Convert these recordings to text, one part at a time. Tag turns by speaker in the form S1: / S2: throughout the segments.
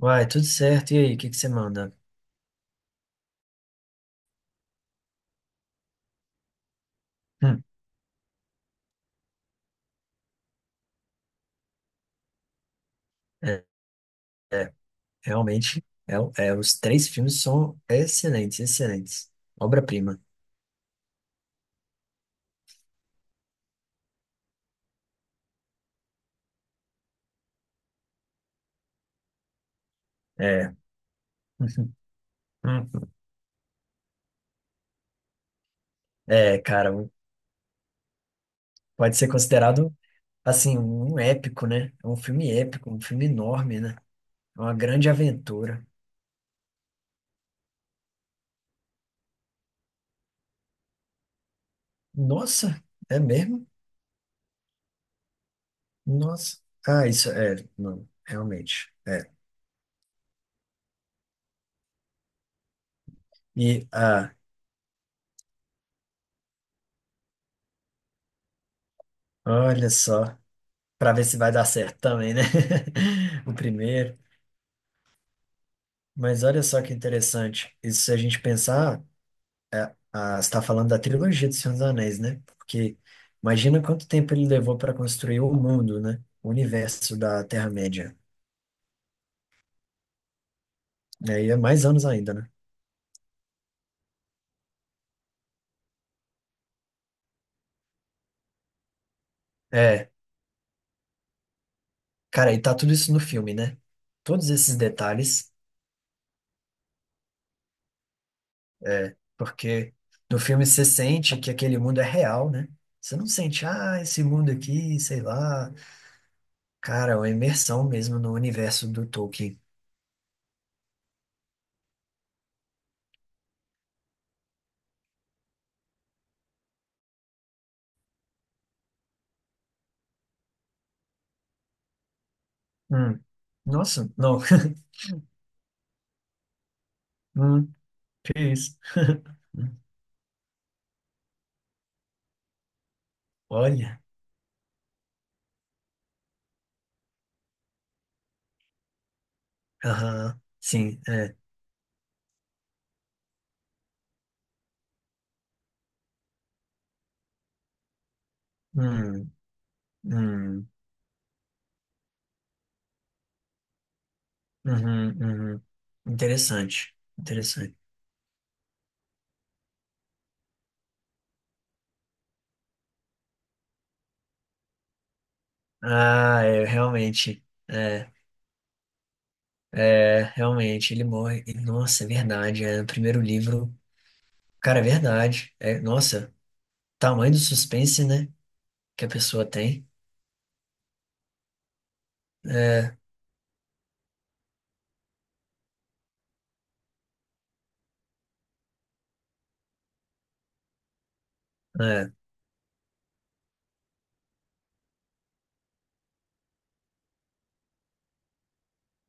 S1: Uai, tudo certo. E aí, o que que você manda? Hum. É, é, realmente, é, é, os três filmes são excelentes, excelentes. Obra-prima. É. Uhum. Uhum. É, cara, pode ser considerado, assim, um épico, né? É um filme épico, um filme enorme, né? É uma grande aventura. Nossa, é mesmo? Nossa. Ah, isso é, não, realmente, é. E, ah, olha só, pra ver se vai dar certo também, né? O primeiro. Mas olha só que interessante. Isso se a gente pensar, ah, você está falando da trilogia do Senhor dos Anéis, né? Porque imagina quanto tempo ele levou para construir o mundo, né? O universo da Terra-média. E aí é mais anos ainda, né? É, cara, e tá tudo isso no filme, né? Todos esses detalhes, é, porque no filme você sente que aquele mundo é real, né? Você não sente, ah, esse mundo aqui, sei lá. Cara, é uma imersão mesmo no universo do Tolkien. Hum. Nossa, não. Hum. Que isso? Olha, aham, sim, é. Hum, hum, uhum, uhum. Interessante, interessante. Ah, é, realmente, é, é, realmente, ele morre. Nossa, é verdade, é, no primeiro livro, cara, é verdade. É, nossa, tamanho do suspense, né, que a pessoa tem. É, é,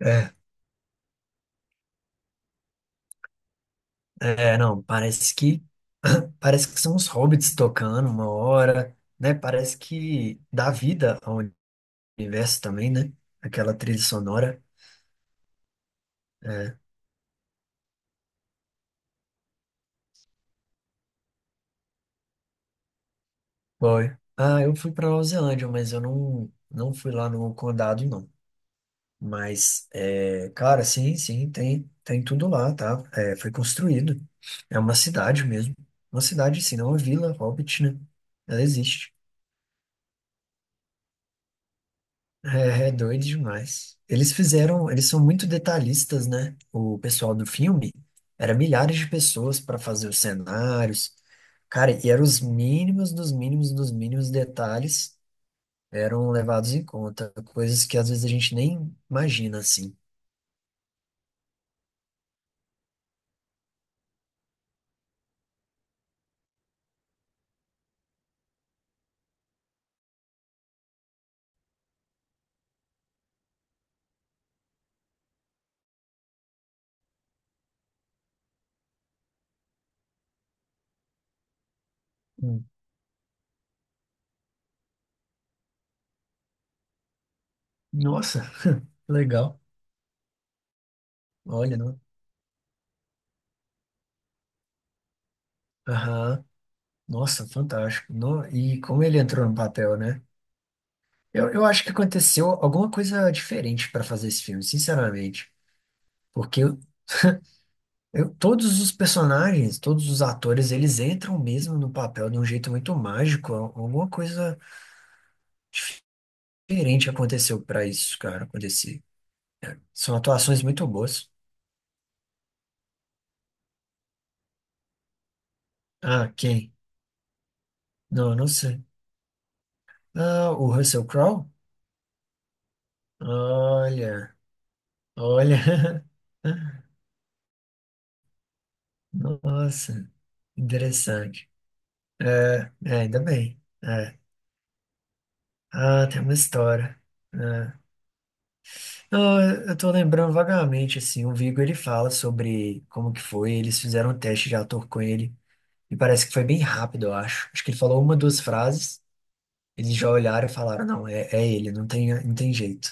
S1: é, é, é, não, parece que, parece que são os hobbits tocando uma hora, né, parece que dá vida a um universo também, né? Aquela trilha sonora. É. Foi. Ah, eu fui pra Nova Zelândia, mas eu não fui lá no condado, não. Mas, é, cara, sim, sim, tem tudo lá, tá? É, foi construído. É uma cidade mesmo. Uma cidade, sim, não é uma vila, Hobbit, né? Ela existe. É, é doido demais. Eles fizeram, eles são muito detalhistas, né? O pessoal do filme era milhares de pessoas para fazer os cenários. Cara, e eram os mínimos dos mínimos dos mínimos detalhes eram levados em conta, coisas que às vezes a gente nem imagina assim. Hum. Nossa, legal. Olha, não. Aham. Nossa, fantástico. E como ele entrou no papel, né? Eu acho que aconteceu alguma coisa diferente para fazer esse filme, sinceramente. Porque todos os personagens, todos os atores, eles entram mesmo no papel de um jeito muito mágico. Alguma coisa diferente aconteceu pra isso, cara, acontecer. São atuações muito boas. Ah, quem? Não, não sei. Ah, o Russell Crowe? Olha, olha. Nossa, interessante. É, é, ainda bem. É. Ah, tem uma história. É. Não, eu tô lembrando vagamente, assim, o Viggo, ele fala sobre como que foi, eles fizeram um teste de ator com ele, e parece que foi bem rápido, eu acho. Acho que ele falou uma, duas frases, eles já olharam e falaram, não, é, é ele, não tem, não tem jeito.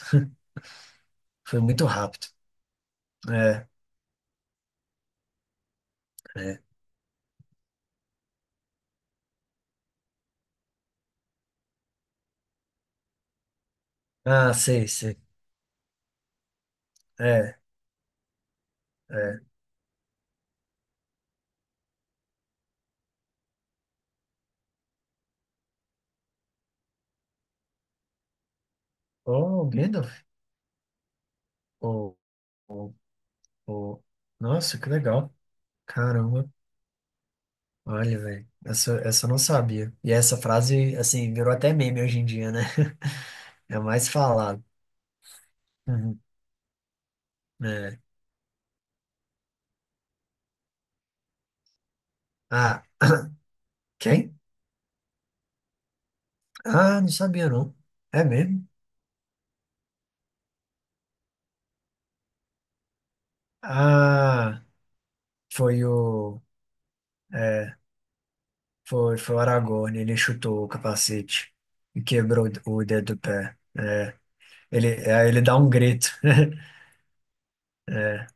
S1: Foi muito rápido. É, é. Ah, sei, sei. É, é. Oh, Gandalf. Oh, oh. Nossa, que legal. Caramba. Olha, velho, essa eu não sabia. E essa frase, assim, virou até meme hoje em dia, né? É mais falado. Uhum. É. Ah, quem? Ah, não sabia não. É mesmo? Ah, foi o. É, foi o Aragorn, ele chutou o capacete e quebrou o dedo do pé. É, ele dá um grito. É,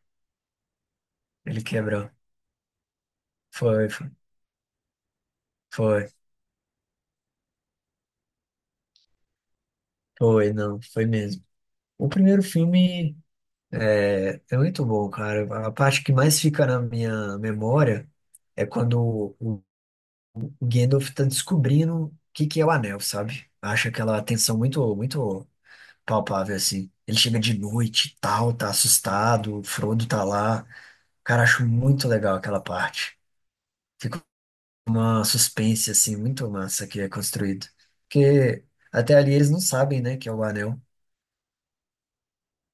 S1: ele quebrou. Foi, foi, foi, foi, não, foi mesmo. O primeiro filme é muito bom, cara. A parte que mais fica na minha memória é quando o Gandalf tá descobrindo o que que é o anel, sabe? Acha aquela tensão muito, muito palpável, assim. Ele chega de noite e tal, tá assustado, o Frodo tá lá. Cara, acho muito legal aquela parte. Fica uma suspense, assim, muito massa que é construído. Porque até ali eles não sabem, né, que é o anel.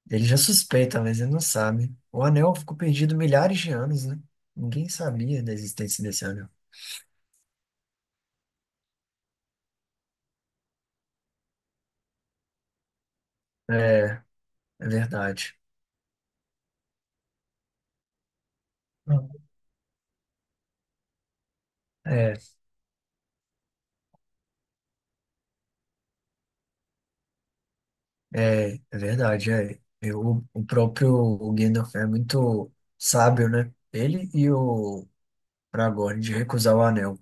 S1: Ele já suspeita, mas ele não sabe. O anel ficou perdido milhares de anos, né? Ninguém sabia da existência desse anel. É, é verdade. É. É, é verdade, é. O próprio Gandalf é muito sábio, né? Ele e o Aragorn de recusar o anel,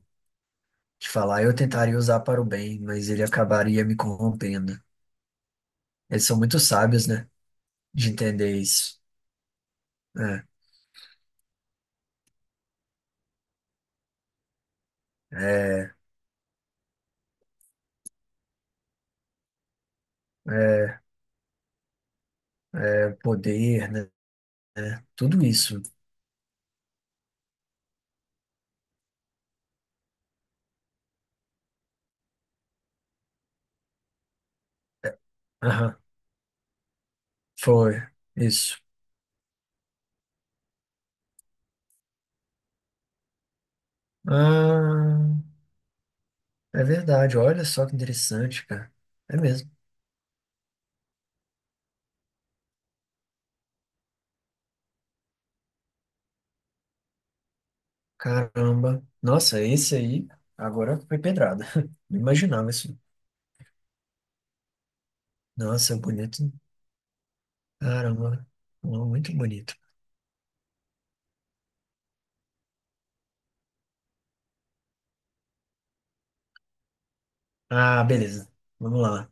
S1: de falar, eu tentaria usar para o bem, mas ele acabaria me corrompendo. Eles são muito sábios, né? De entender isso. É, é, é, é poder, né? É, tudo isso. É, aham, foi. Isso. Ah, é verdade, olha só que interessante, cara. É mesmo. Caramba. Nossa, esse aí agora foi pedrada. Não imaginava isso. Nossa, é bonito. Caramba. Muito bonito. Ah, beleza. Vamos lá.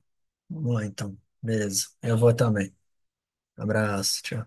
S1: Vamos lá, então. Beleza. Eu vou também. Abraço. Tchau.